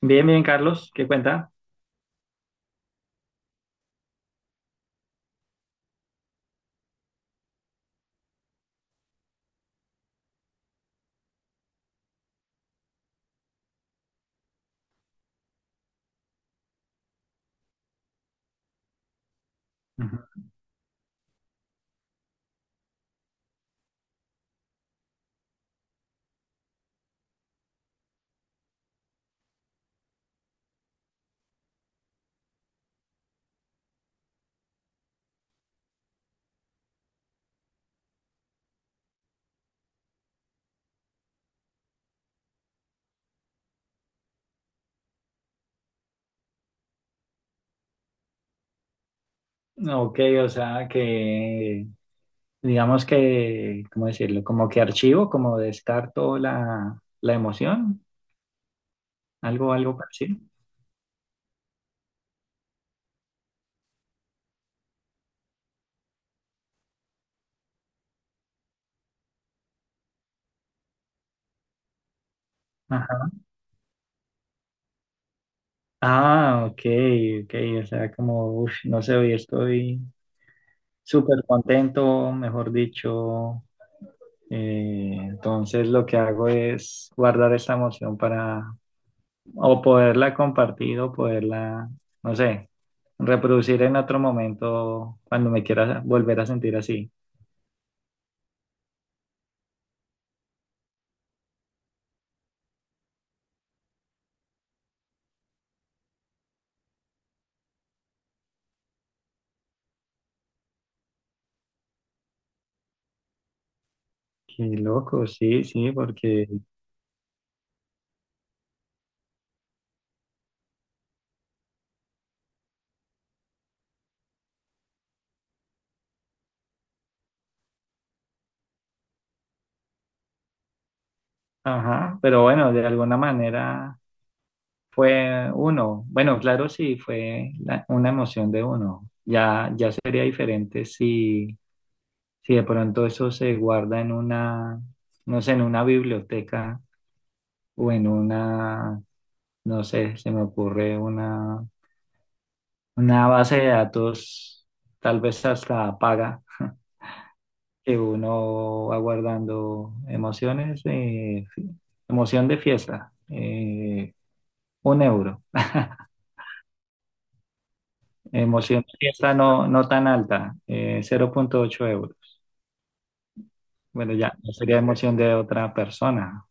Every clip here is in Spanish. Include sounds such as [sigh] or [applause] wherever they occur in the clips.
Bien, bien, Carlos, ¿qué cuenta? Ujú. Ok, o sea digamos que, ¿cómo decirlo? Como que archivo, como descarto la emoción, algo parecido. Ajá. Ah, ok, ok, o sea, como, uf, no sé, hoy estoy súper contento, mejor dicho. Entonces lo que hago es guardar esta emoción para o poderla compartir o poderla, no sé, reproducir en otro momento cuando me quiera volver a sentir así. Qué loco, sí, sí, ajá, pero bueno, de alguna manera fue uno. Bueno, claro, sí, una emoción de uno. Ya, ya sería diferente si de pronto eso se guarda en una, no sé, en una biblioteca o en una, no sé, se me ocurre una base de datos, tal vez hasta paga, [laughs] que uno va guardando emociones, emoción de fiesta, 1 euro. [laughs] Emoción de fiesta no, no tan alta, 0,8 euros. Bueno, ya, no sería emoción de otra persona.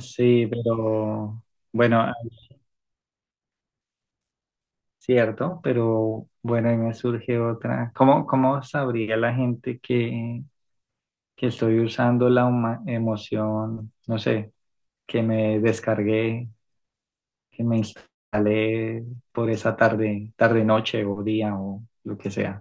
Sí, pero bueno, cierto, pero bueno, ahí me surge otra. ¿Cómo, cómo sabría la gente que estoy usando emoción, no sé, que me descargué, que me instalé por esa tarde, tarde noche o día o lo que sea.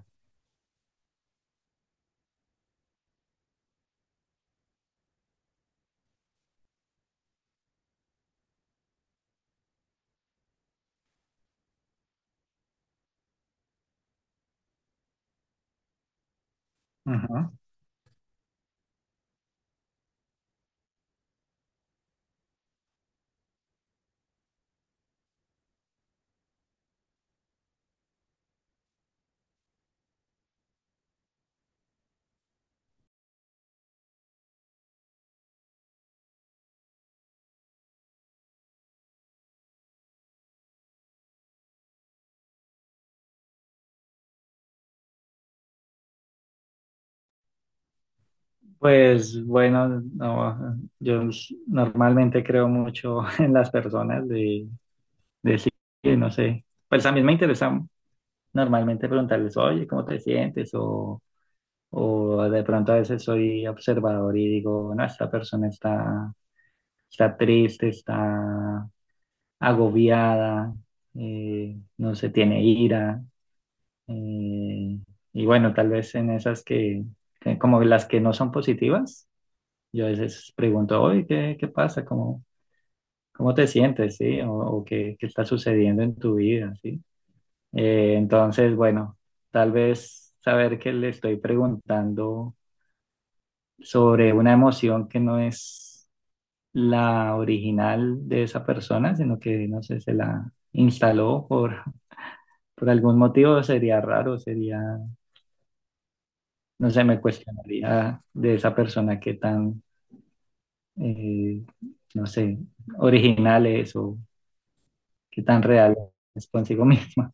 Ujú. Pues bueno, no, normalmente creo mucho [laughs] en las personas de decir, no sé, pues a mí me interesa normalmente preguntarles, oye, ¿cómo te sientes? O de pronto a veces soy observador y digo, no, esta persona está, está triste, está agobiada, no se tiene ira, eh, y bueno, tal vez en esas que como las que no son positivas, yo a veces pregunto, oye, ¿qué, qué pasa? ¿Cómo, cómo te sientes? ¿Sí? O qué, qué está sucediendo en tu vida, ¿sí? Entonces, bueno, tal vez saber que le estoy preguntando sobre una emoción que no es la original de esa persona, sino que, no sé, se la instaló por algún motivo sería raro, sería, no sé, me cuestionaría de esa persona qué tan, eh, no sé, original es o qué tan real es consigo misma.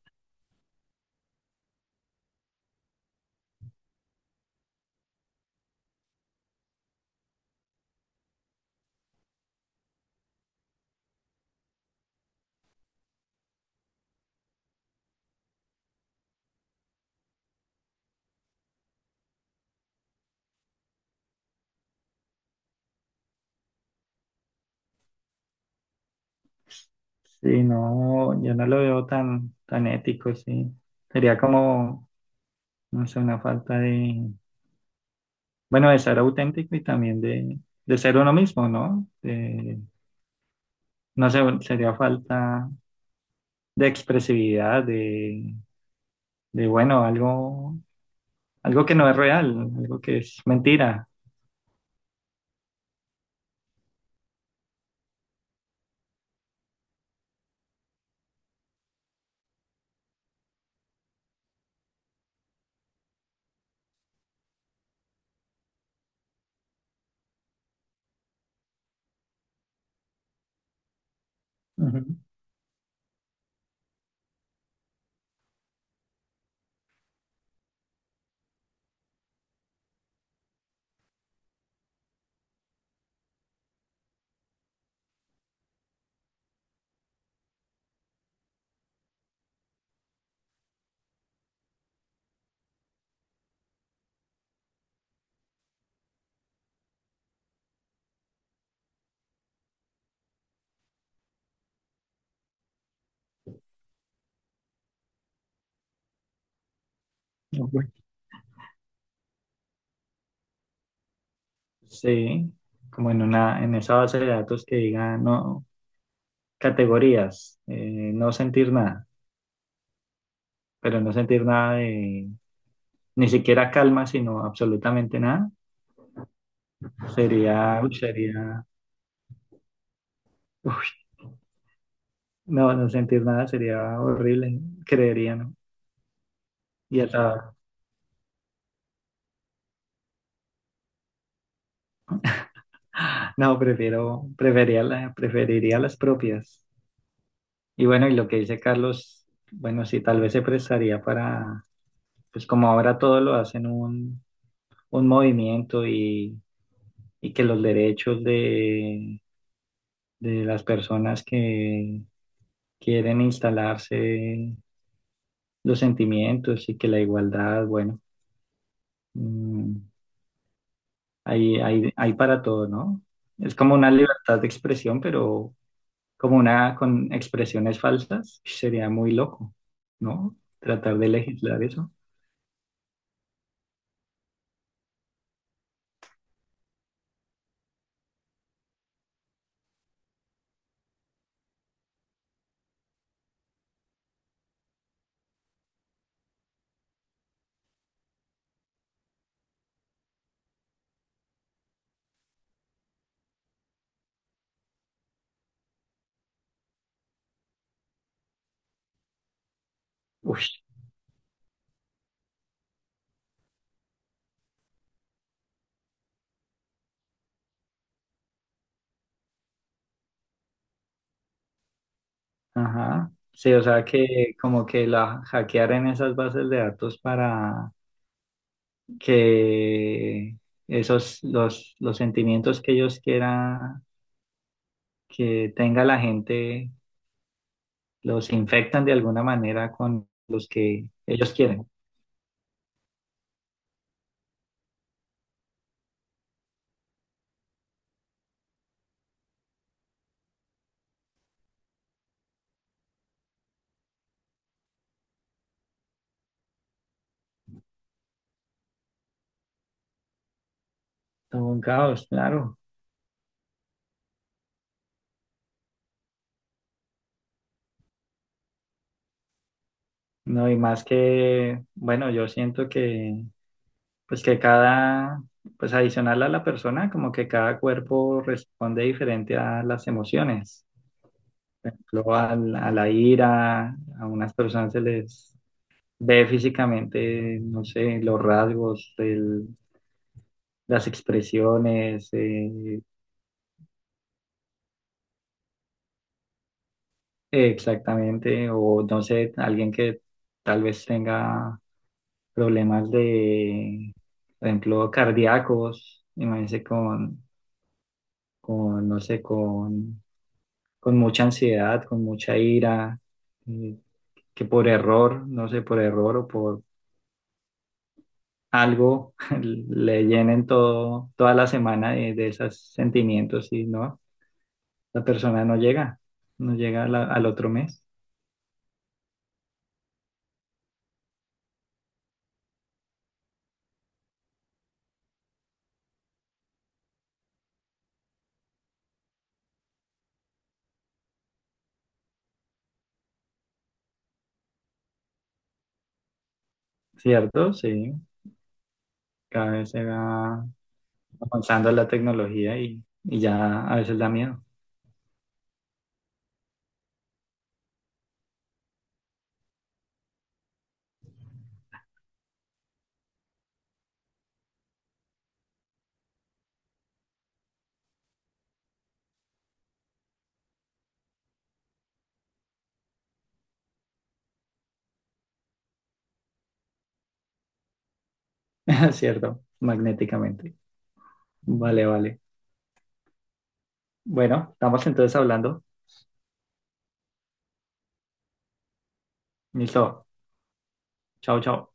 Sí, no, yo no lo veo tan, tan ético, sí. Sería como, no sé, una falta de, bueno, de ser auténtico y también de ser uno mismo, ¿no? No sé, sería falta de expresividad, bueno, algo algo que no es real, algo que es mentira. Ujú. Ok. Sí, como en una, en esa base de datos que diga no, categorías, no sentir nada, pero no sentir nada de, ni siquiera calma, sino absolutamente nada, sería, uy, sería, no, no sentir nada sería horrible, creería, ¿no? Y hasta, no, prefiero, preferiría, preferiría las propias. Y bueno, y lo que dice Carlos, bueno, sí, tal vez se prestaría para pues como ahora todo lo hacen un movimiento y que los derechos de las personas que quieren instalarse los sentimientos y que la igualdad, bueno, mm, hay para todo, ¿no? Es como una libertad de expresión, pero como una con expresiones falsas, sería muy loco, ¿no? Tratar de legislar eso. Uf, ajá. Sí, o sea que como que la hackearan esas bases de datos para que esos los sentimientos que ellos quieran que tenga la gente los infectan de alguna manera con los que ellos quieren. Todo un caos, claro. No, y más que, bueno, yo siento que pues que cada pues adicional a la persona, como que cada cuerpo responde diferente a las emociones. Por ejemplo, a la ira, a unas personas se les ve físicamente, no sé, los rasgos, las expresiones, exactamente, o no sé, alguien que tal vez tenga problemas de, por ejemplo, cardíacos, imagínense con, no sé, con mucha ansiedad, con mucha ira, eh, que por error, no sé, por error o por algo [laughs] le llenen todo, toda la semana de esos sentimientos y no, la persona no llega, no llega a al otro mes, ¿cierto? Sí, cada vez se va avanzando la tecnología y ya a veces da miedo, [laughs] ¿cierto? Magnéticamente. Vale, vale. Bueno, estamos entonces hablando. Listo. Chao, chao.